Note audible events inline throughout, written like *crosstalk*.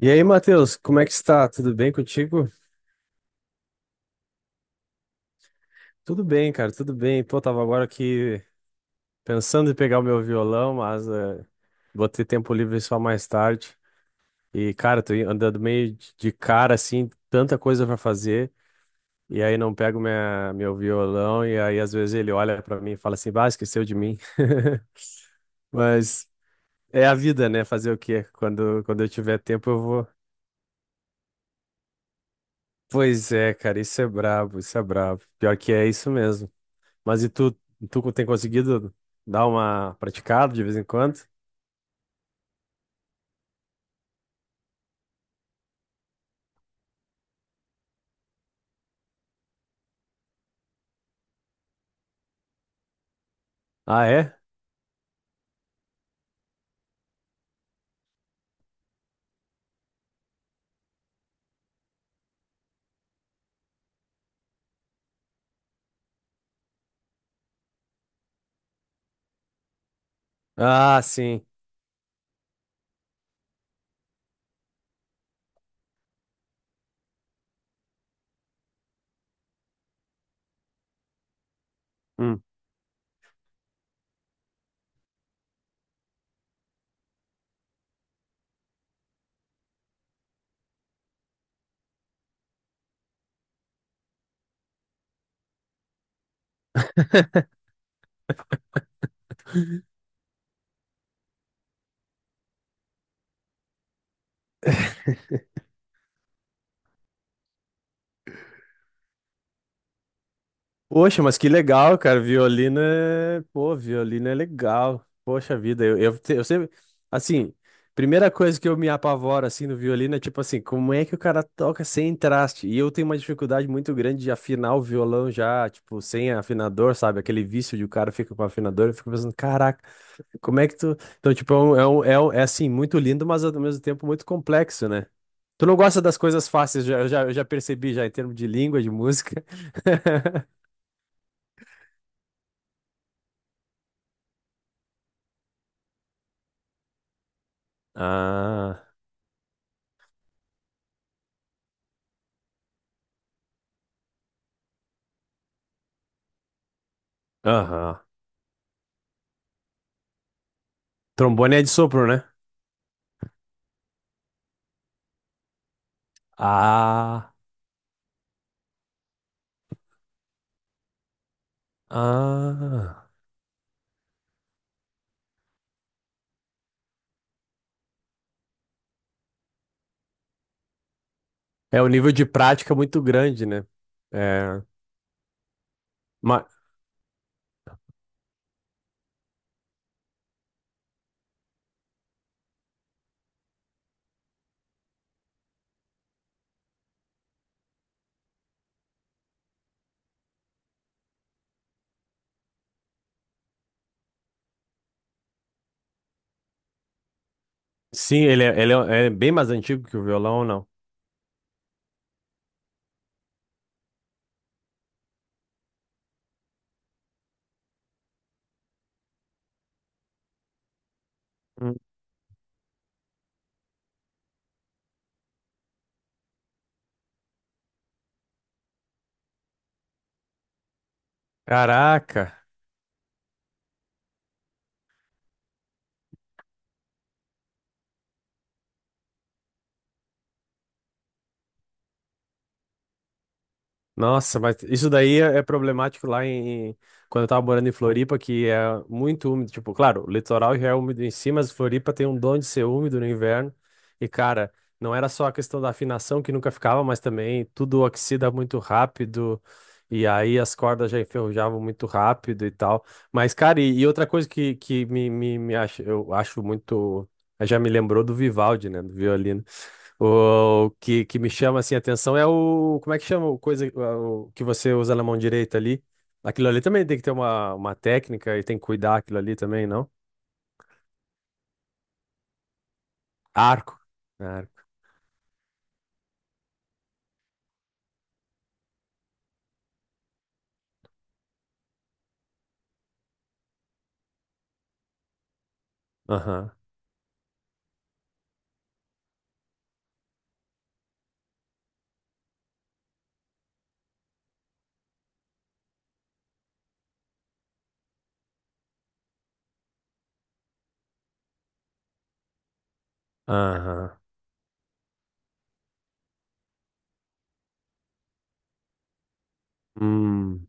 E aí, Matheus, como é que está? Tudo bem contigo? Tudo bem, cara, tudo bem. Pô, tava agora aqui pensando em pegar o meu violão, mas vou ter tempo livre só mais tarde. E, cara, tô andando meio de cara, assim, tanta coisa pra fazer, e aí não pego minha, meu violão, e aí às vezes ele olha pra mim e fala assim, bah, esqueceu de mim. *laughs* Mas é a vida, né? Fazer o quê? Quando eu tiver tempo, eu vou. Pois é, cara, isso é brabo, isso é brabo. Pior que é isso mesmo. Mas e tu, tu tem conseguido dar uma praticada de vez em quando? Ah, é? Ah, sim. Hum. Poxa, mas que legal, cara. Violino é. Pô, violino é legal. Poxa vida, eu sempre. Assim, primeira coisa que eu me apavoro assim no violino é tipo assim, como é que o cara toca sem traste? E eu tenho uma dificuldade muito grande de afinar o violão já, tipo, sem afinador, sabe? Aquele vício de o cara fica com afinador, eu fico pensando, caraca. Como é que tu. Então, tipo, assim, muito lindo, mas ao mesmo tempo muito complexo, né? Tu não gosta das coisas fáceis, já, eu já percebi já, em termos de língua, de música. *laughs* Ah, aham. Trombone é de sopro, né? Ah, ah. É um nível de prática muito grande, né? É, ma- sim, ele, ele é é bem mais antigo que o violão, não? Hum. Caraca! Nossa, mas isso daí é é problemático lá quando eu tava morando em Floripa, que é muito úmido. Tipo, claro, o litoral já é úmido em si, mas Floripa tem um dom de ser úmido no inverno. E, cara, não era só a questão da afinação que nunca ficava, mas também tudo oxida muito rápido. E aí as cordas já enferrujavam muito rápido e tal. Mas, cara, e outra coisa que eu acho muito. Já me lembrou do Vivaldi, né? Do violino. O que, que me chama assim a atenção é o. Como é que chama o coisa o que você usa na mão direita ali? Aquilo ali também tem que ter uma técnica e tem que cuidar aquilo ali também, não? Arco. Arco. Aham. Aham. Hum.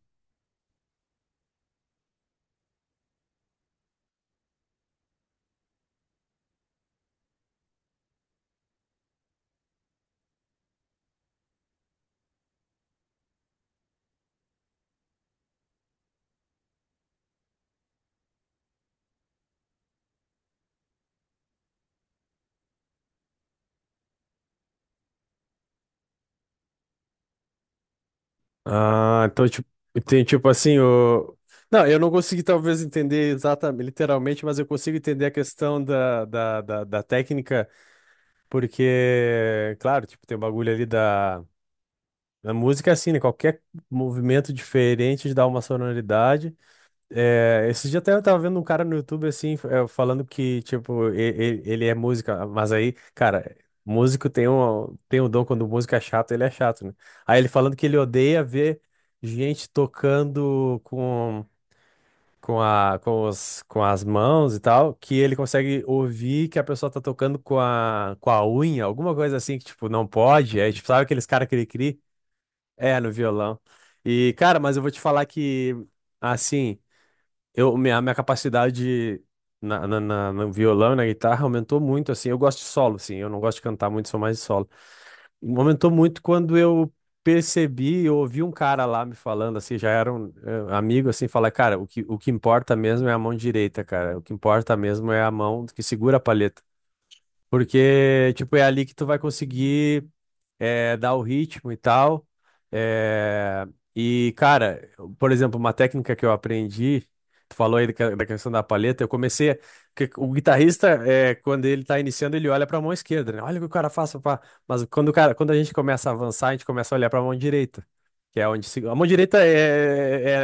Ah, então, tipo, tem tipo assim, o. Não, eu não consegui talvez entender exatamente, literalmente, mas eu consigo entender a questão da técnica, porque, claro, tipo, tem o bagulho ali da A música é assim, né? Qualquer movimento diferente dá uma sonoridade. É, esse dia até eu tava vendo um cara no YouTube, assim, falando que, tipo, ele é música, mas aí, cara, músico tem um dom, quando o músico é chato, ele é chato, né? Aí ele falando que ele odeia ver gente tocando com, com as mãos e tal, que ele consegue ouvir que a pessoa tá tocando com a unha, alguma coisa assim, que, tipo, não pode. Aí, tipo, sabe aqueles caras que ele cria? É, no violão. E, cara, mas eu vou te falar que, assim, minha capacidade no violão e na guitarra aumentou muito, assim. Eu gosto de solo, assim, eu não gosto de cantar muito, sou mais de solo. Aumentou muito quando eu percebi, eu ouvi um cara lá me falando, assim, já era um amigo, assim, falar, cara, o que importa mesmo é a mão direita, cara. O que importa mesmo é a mão que segura a palheta. Porque, tipo, é ali que tu vai conseguir é, dar o ritmo e tal. É, e, cara, por exemplo, uma técnica que eu aprendi, tu falou aí da questão da palheta, que o guitarrista, é, quando ele tá iniciando, ele olha pra mão esquerda, né? Olha o que o cara faz, pá. Mas quando o cara, quando a gente começa a avançar, a gente começa a olhar pra mão direita, que é onde se- a mão direita é,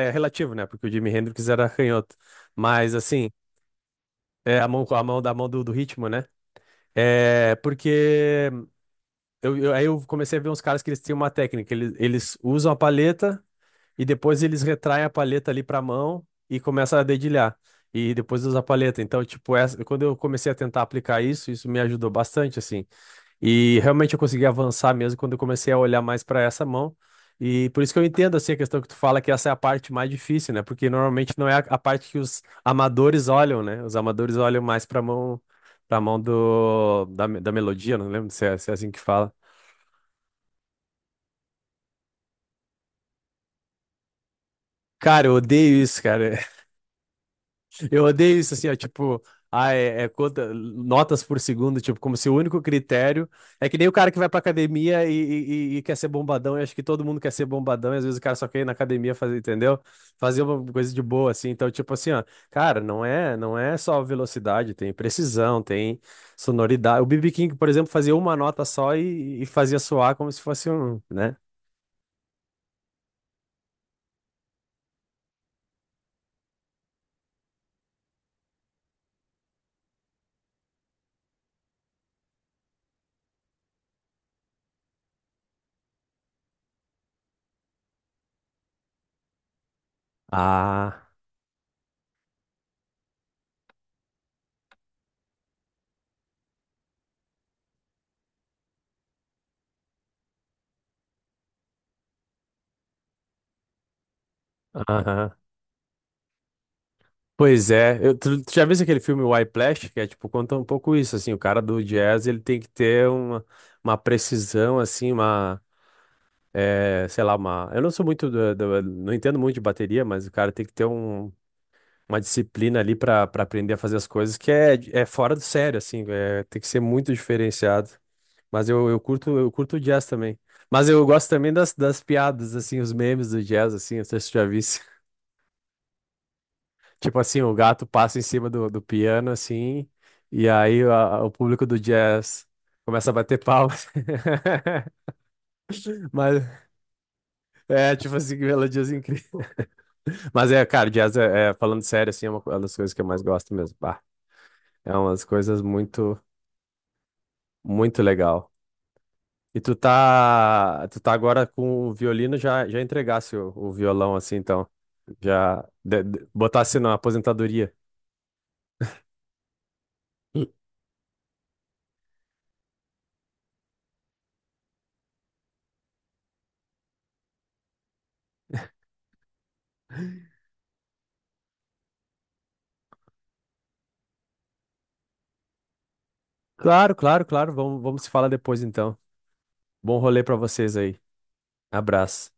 é é relativo, né? Porque o Jimi Hendrix era canhoto. Mas, assim, é a mão da mão do ritmo, né? É porque aí eu comecei a ver uns caras que eles têm uma técnica. Eles usam a paleta e depois eles retraem a paleta ali pra mão e começam a dedilhar. E depois usa a paleta. Então, tipo, essa, quando eu comecei a tentar aplicar isso, isso me ajudou bastante, assim. E realmente eu consegui avançar mesmo quando eu comecei a olhar mais pra essa mão. E por isso que eu entendo, assim, a questão que tu fala que essa é a parte mais difícil, né? Porque normalmente não é a parte que os amadores olham, né? Os amadores olham mais pra mão da melodia, não lembro se é assim que fala. Cara, eu odeio isso, cara. *laughs* Eu odeio isso, assim, ó, tipo, notas por segundo, tipo, como se o único critério. É que nem o cara que vai pra academia e quer ser bombadão, eu acho que todo mundo quer ser bombadão, e às vezes o cara só quer ir na academia fazer, entendeu? Fazer uma coisa de boa, assim. Então, tipo assim, ó, cara, não é só velocidade, tem precisão, tem sonoridade. O B.B. King, por exemplo, fazia uma nota só e fazia soar como se fosse um, né? Ah, aham. Pois é, tu já viu aquele filme Whiplash, que é tipo, conta um pouco isso, assim, o cara do jazz, ele tem que ter uma precisão, assim, uma, é, sei lá, uma, eu não sou muito, não entendo muito de bateria, mas o cara tem que ter um, uma disciplina ali pra aprender a fazer as coisas, que é, é fora do sério, assim, é, tem que ser muito diferenciado, mas eu curto o jazz também, mas eu gosto também das, das piadas, assim, os memes do jazz, assim, não sei se tu já viu Tipo assim, o gato passa em cima do, do piano, assim, o público do jazz começa a bater palmas. *laughs* Mas é, tipo assim, que melodias incríveis. Mas é, cara, jazz, é, é, falando sério, assim, é uma das coisas que eu mais gosto mesmo. Bah, é umas coisas muito, muito legal. E tu tá agora com o violino, já, já entregasse o violão, assim, então, já botasse na aposentadoria. Claro, claro, claro, vamos, vamos se falar depois, então. Bom rolê pra vocês aí. Abraço.